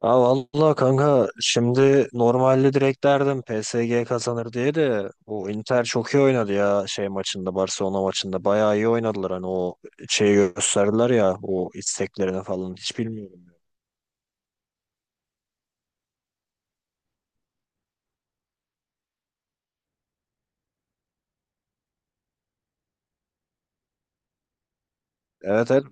Ha valla kanka, şimdi normalde direkt derdim PSG kazanır diye, de bu Inter çok iyi oynadı ya. Şey maçında, Barcelona maçında bayağı iyi oynadılar, hani o şeyi gösterdiler ya, o isteklerini falan hiç bilmiyorum. Evet, evet.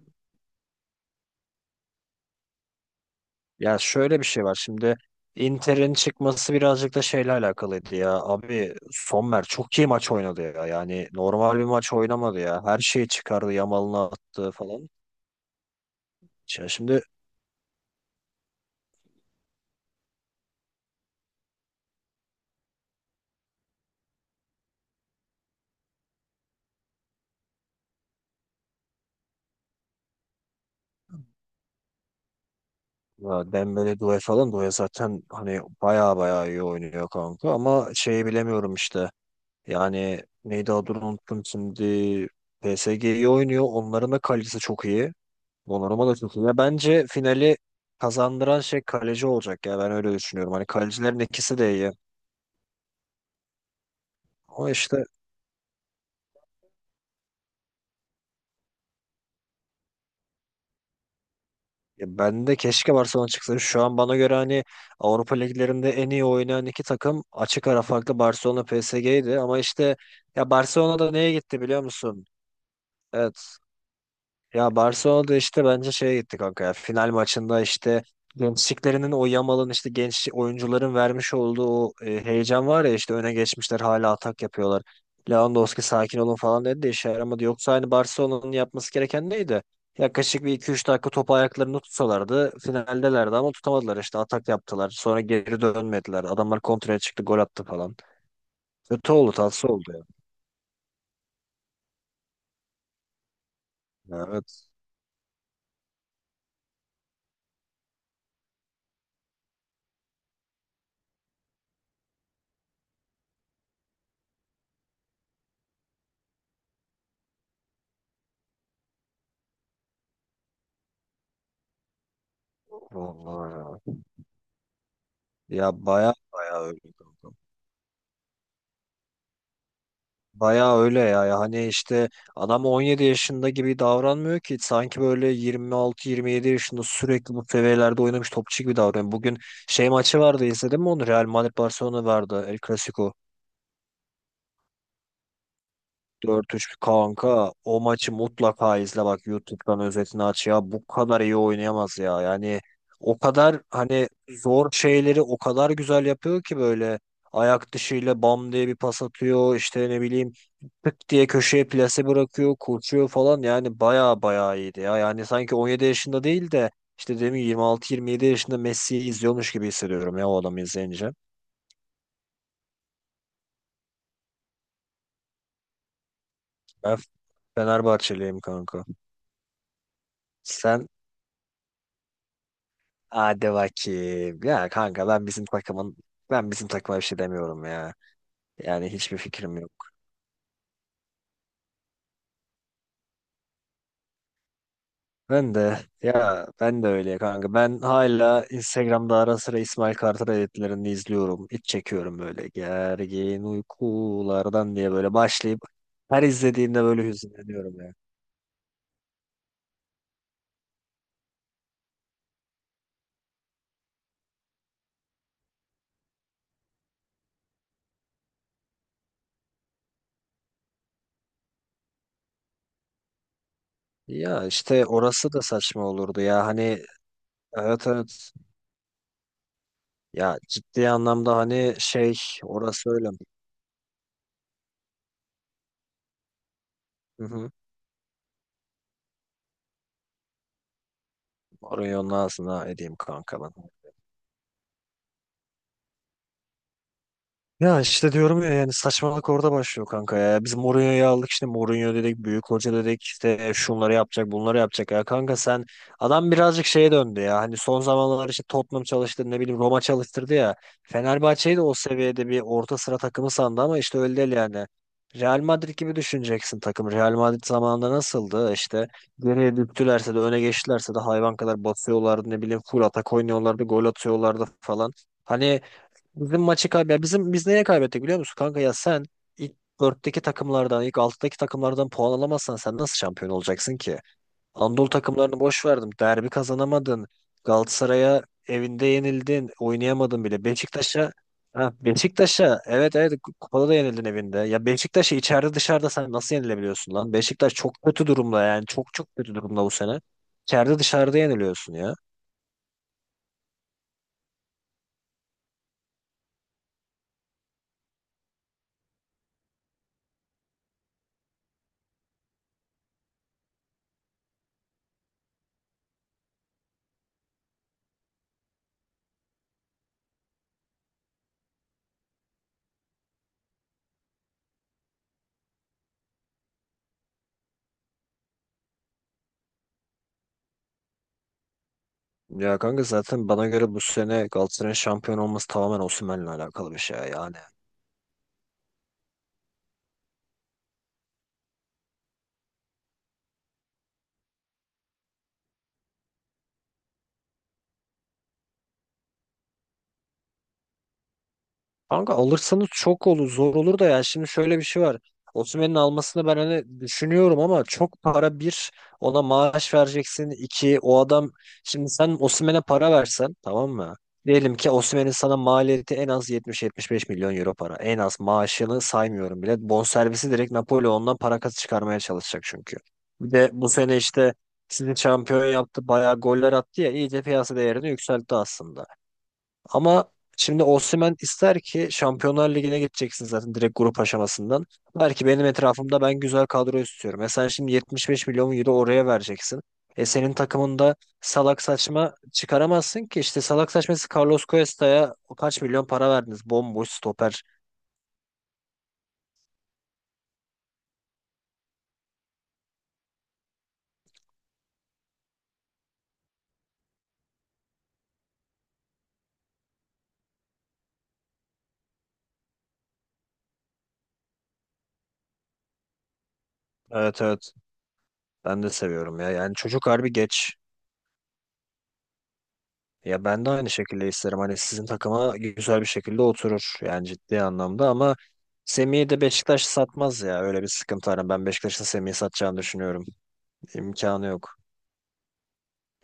Ya şöyle bir şey var şimdi, Inter'in çıkması birazcık da şeyle alakalıydı ya abi. Sommer çok iyi maç oynadı ya, yani normal bir maç oynamadı ya, her şeyi çıkardı, Yamal'ını attı falan. Ya Şimdi Ya Dembele, Doué falan, Doué zaten hani baya baya iyi oynuyor kanka, ama şeyi bilemiyorum işte. Yani neydi adını unuttum şimdi. PSG iyi oynuyor. Onların da kalecisi çok iyi. Donnarumma da çok iyi. Ya bence finali kazandıran şey kaleci olacak ya, ben öyle düşünüyorum. Hani kalecilerin ikisi de iyi. Ama işte Ya ben de keşke Barcelona çıksın. Şu an bana göre hani Avrupa liglerinde en iyi oynayan iki takım, açık ara farklı, Barcelona PSG'ydi, ama işte ya Barcelona'da neye gitti biliyor musun? Evet. Ya Barcelona'da işte bence şeye gitti kanka ya. Final maçında işte gençliklerinin, o Yamal'ın, işte genç oyuncuların vermiş olduğu o heyecan var ya, işte öne geçmişler hala atak yapıyorlar. Lewandowski sakin olun falan dedi de işe yaramadı. Yoksa hani Barcelona'nın yapması gereken neydi? Yaklaşık bir iki üç dakika topu ayaklarını tutsalardı finaldelerdi, ama tutamadılar, işte atak yaptılar. Sonra geri dönmediler. Adamlar kontraya çıktı, gol attı falan. Kötü oldu, tatsız oldu ya. Ya, evet. Vallahi ya. Ya baya baya öyle. Bayağı öyle ya. Ya hani işte adam 17 yaşında gibi davranmıyor ki. Sanki böyle 26-27 yaşında sürekli bu seviyelerde oynamış topçu gibi davranıyor. Bugün şey maçı vardı, izledin mi onu? Real Madrid Barcelona vardı. El Clasico. 4-3 kanka, o maçı mutlaka izle, bak YouTube'dan özetini aç ya, bu kadar iyi oynayamaz ya yani. O kadar hani zor şeyleri o kadar güzel yapıyor ki, böyle ayak dışıyla bam diye bir pas atıyor, işte ne bileyim, tık diye köşeye plase bırakıyor, koşuyor falan. Yani baya baya iyiydi ya yani, sanki 17 yaşında değil de işte, demin 26-27 yaşında Messi'yi izliyormuş gibi hissediyorum ya o adamı izleyince. Ben Fenerbahçeliyim kanka, sen? Hadi bakayım. Ya kanka ben bizim takımın, ben bizim takıma bir şey demiyorum ya. Yani hiçbir fikrim yok. Ben de ya, ben de öyle kanka. Ben hala Instagram'da ara sıra İsmail Kartal editlerini izliyorum. İç çekiyorum, böyle "gergin uykulardan" diye böyle başlayıp, her izlediğimde böyle hüzünleniyorum ya. Ya işte orası da saçma olurdu ya. Hani, evet evet. Ya ciddi anlamda hani şey, orası öyle. Hı hı. Orayı onun ağzına edeyim kanka ben. Ya işte diyorum ya, yani saçmalık orada başlıyor kanka ya. Biz Mourinho'yu aldık, işte Mourinho dedik, büyük hoca dedik, işte şunları yapacak, bunları yapacak ya. Kanka sen, adam birazcık şeye döndü ya. Hani son zamanlar işte Tottenham çalıştı, ne bileyim Roma çalıştırdı ya. Fenerbahçe'yi de o seviyede bir orta sıra takımı sandı, ama işte öyle değil yani. Real Madrid gibi düşüneceksin takım. Real Madrid zamanında nasıldı? İşte geriye düştülerse de öne geçtilerse de hayvan kadar basıyorlardı, ne bileyim full atak oynuyorlardı, gol atıyorlardı falan. Hani bizim maçı kaybı, bizim biz neye kaybettik biliyor musun kanka ya? Sen ilk dörtteki takımlardan, ilk altıdaki takımlardan puan alamazsan sen nasıl şampiyon olacaksın ki? Anadolu takımlarını boş verdim. Derbi kazanamadın. Galatasaray'a evinde yenildin. Oynayamadın bile. Beşiktaş'a, evet evet, kupada da yenildin evinde. Ya Beşiktaş'a içeride dışarıda sen nasıl yenilebiliyorsun lan? Beşiktaş çok kötü durumda, yani çok çok kötü durumda bu sene. İçeride dışarıda yeniliyorsun ya. Ya kanka zaten bana göre bu sene Galatasaray'ın şampiyon olması tamamen Osimhen'le alakalı bir şey yani. Kanka alırsanız çok olur, zor olur da ya, şimdi şöyle bir şey var. Osimhen'in almasını ben hani düşünüyorum, ama çok para. Bir, ona maaş vereceksin. İki o adam, şimdi sen Osimhen'e para versen tamam mı? Diyelim ki Osimhen'in sana maliyeti en az 70-75 milyon euro para. En az, maaşını saymıyorum bile. Bonservisi direkt Napoli, ondan para kazı çıkarmaya çalışacak çünkü. Bir de bu sene işte sizi şampiyon yaptı, bayağı goller attı ya, iyice piyasa değerini yükseltti aslında. Ama şimdi Osimhen ister ki Şampiyonlar Ligi'ne gideceksin zaten direkt grup aşamasından. Der ki benim etrafımda ben güzel kadro istiyorum. E sen şimdi 75 milyon euro oraya vereceksin. E senin takımında salak saçma çıkaramazsın ki. İşte salak saçması, Carlos Cuesta'ya kaç milyon para verdiniz? Bomboş stoper. Evet, evet. Ben de seviyorum ya. Yani çocuk harbi geç. Ya ben de aynı şekilde isterim. Hani sizin takıma güzel bir şekilde oturur. Yani ciddi anlamda, ama Semih'i de Beşiktaş satmaz ya. Öyle bir sıkıntı var. Ben Beşiktaş'ın Semih'i satacağını düşünüyorum. İmkanı yok.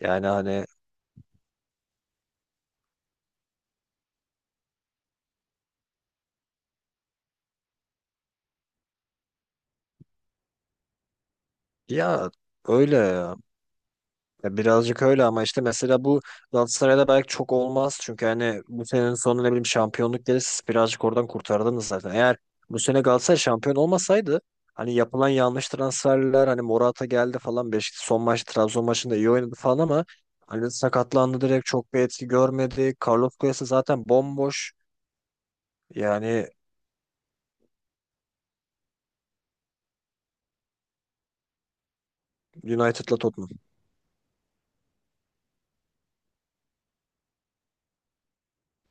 Yani hani ya, öyle. Ya birazcık öyle, ama işte mesela bu Galatasaray'da belki çok olmaz. Çünkü hani bu senenin sonu, ne bileyim, şampiyonluk gelirse siz birazcık oradan kurtardınız zaten. Eğer bu sene Galatasaray şampiyon olmasaydı, hani yapılan yanlış transferler, hani Morata geldi falan, Beşiktaş son maç Trabzon maçında iyi oynadı falan, ama hani sakatlandı direkt, çok bir etki görmedi. Carlos Kuyası zaten bomboş. Yani United'la Tottenham.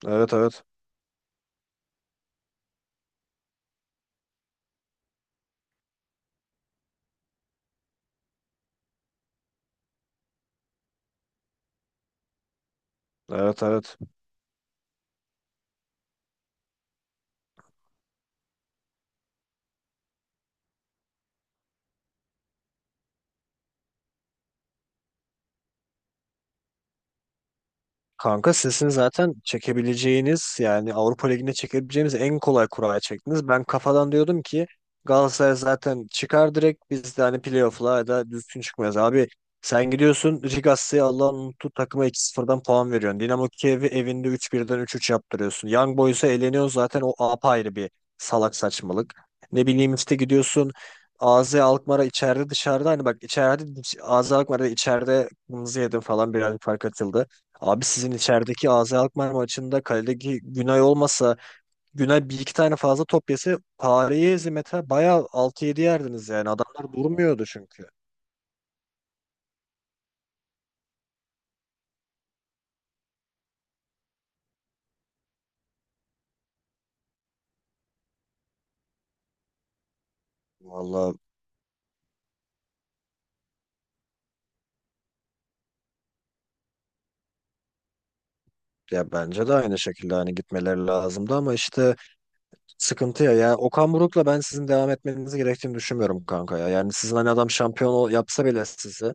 Evet evet. Evet evet. Kanka sizin zaten çekebileceğiniz, yani Avrupa Ligi'ne çekebileceğiniz en kolay kuraya çektiniz. Ben kafadan diyordum ki Galatasaray zaten çıkar direkt, biz de hani playoff'la ya da düzgün çıkmayız. Abi sen gidiyorsun Rigassi'ye, Allah'ın unuttuğu takıma, 2-0'dan puan veriyorsun. Dinamo Kiev'i evinde 3-1'den 3-3 yaptırıyorsun. Young Boys'a eleniyor zaten, o apayrı bir salak saçmalık. Ne bileyim işte gidiyorsun AZ Alkmaar'a, içeride dışarıda, hani bak içeride, AZ Alkmaar'da içeride kırmızı yedim falan, birazcık fark atıldı. Abi sizin içerideki AZ Alkmaar maçında kaledeki Günay olmasa, Günay bir iki tane fazla top yese, Paris'i hizmete bayağı altı yedi yerdiniz yani. Adamlar durmuyordu çünkü. Vallahi ya, bence de aynı şekilde hani gitmeleri lazımdı, ama işte sıkıntı ya. Ya Okan Buruk'la ben sizin devam etmenizi gerektiğini düşünmüyorum kanka ya. Yani sizin hani adam şampiyon yapsa bile sizi.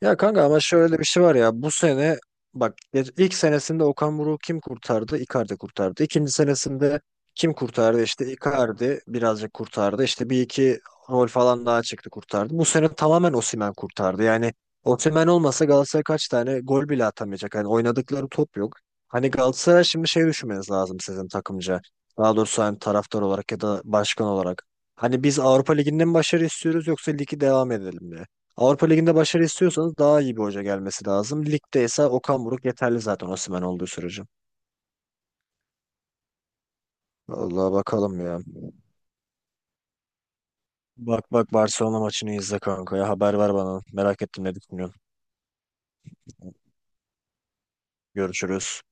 Ya kanka ama şöyle bir şey var ya, bu sene bak, ilk senesinde Okan Buruk kim kurtardı? Icardi kurtardı. İkinci senesinde kim kurtardı? İşte Icardi birazcık kurtardı. İşte bir iki rol falan daha çıktı, kurtardı. Bu sene tamamen Osimhen kurtardı. Yani Osimhen olmasa Galatasaray kaç tane gol bile atamayacak. Hani oynadıkları top yok. Hani Galatasaray şimdi şey düşünmeniz lazım, sizin takımca. Daha doğrusu hani taraftar olarak ya da başkan olarak. Hani biz Avrupa Ligi'nden mi başarı istiyoruz, yoksa ligi devam edelim mi? Avrupa Ligi'nde başarı istiyorsanız daha iyi bir hoca gelmesi lazım. Ligde ise Okan Buruk yeterli zaten, Osimhen olduğu sürece. Vallahi bakalım ya. Bak bak, Barcelona maçını izle kanka ya. Haber ver bana. Merak ettim ne düşünüyorsun. Görüşürüz.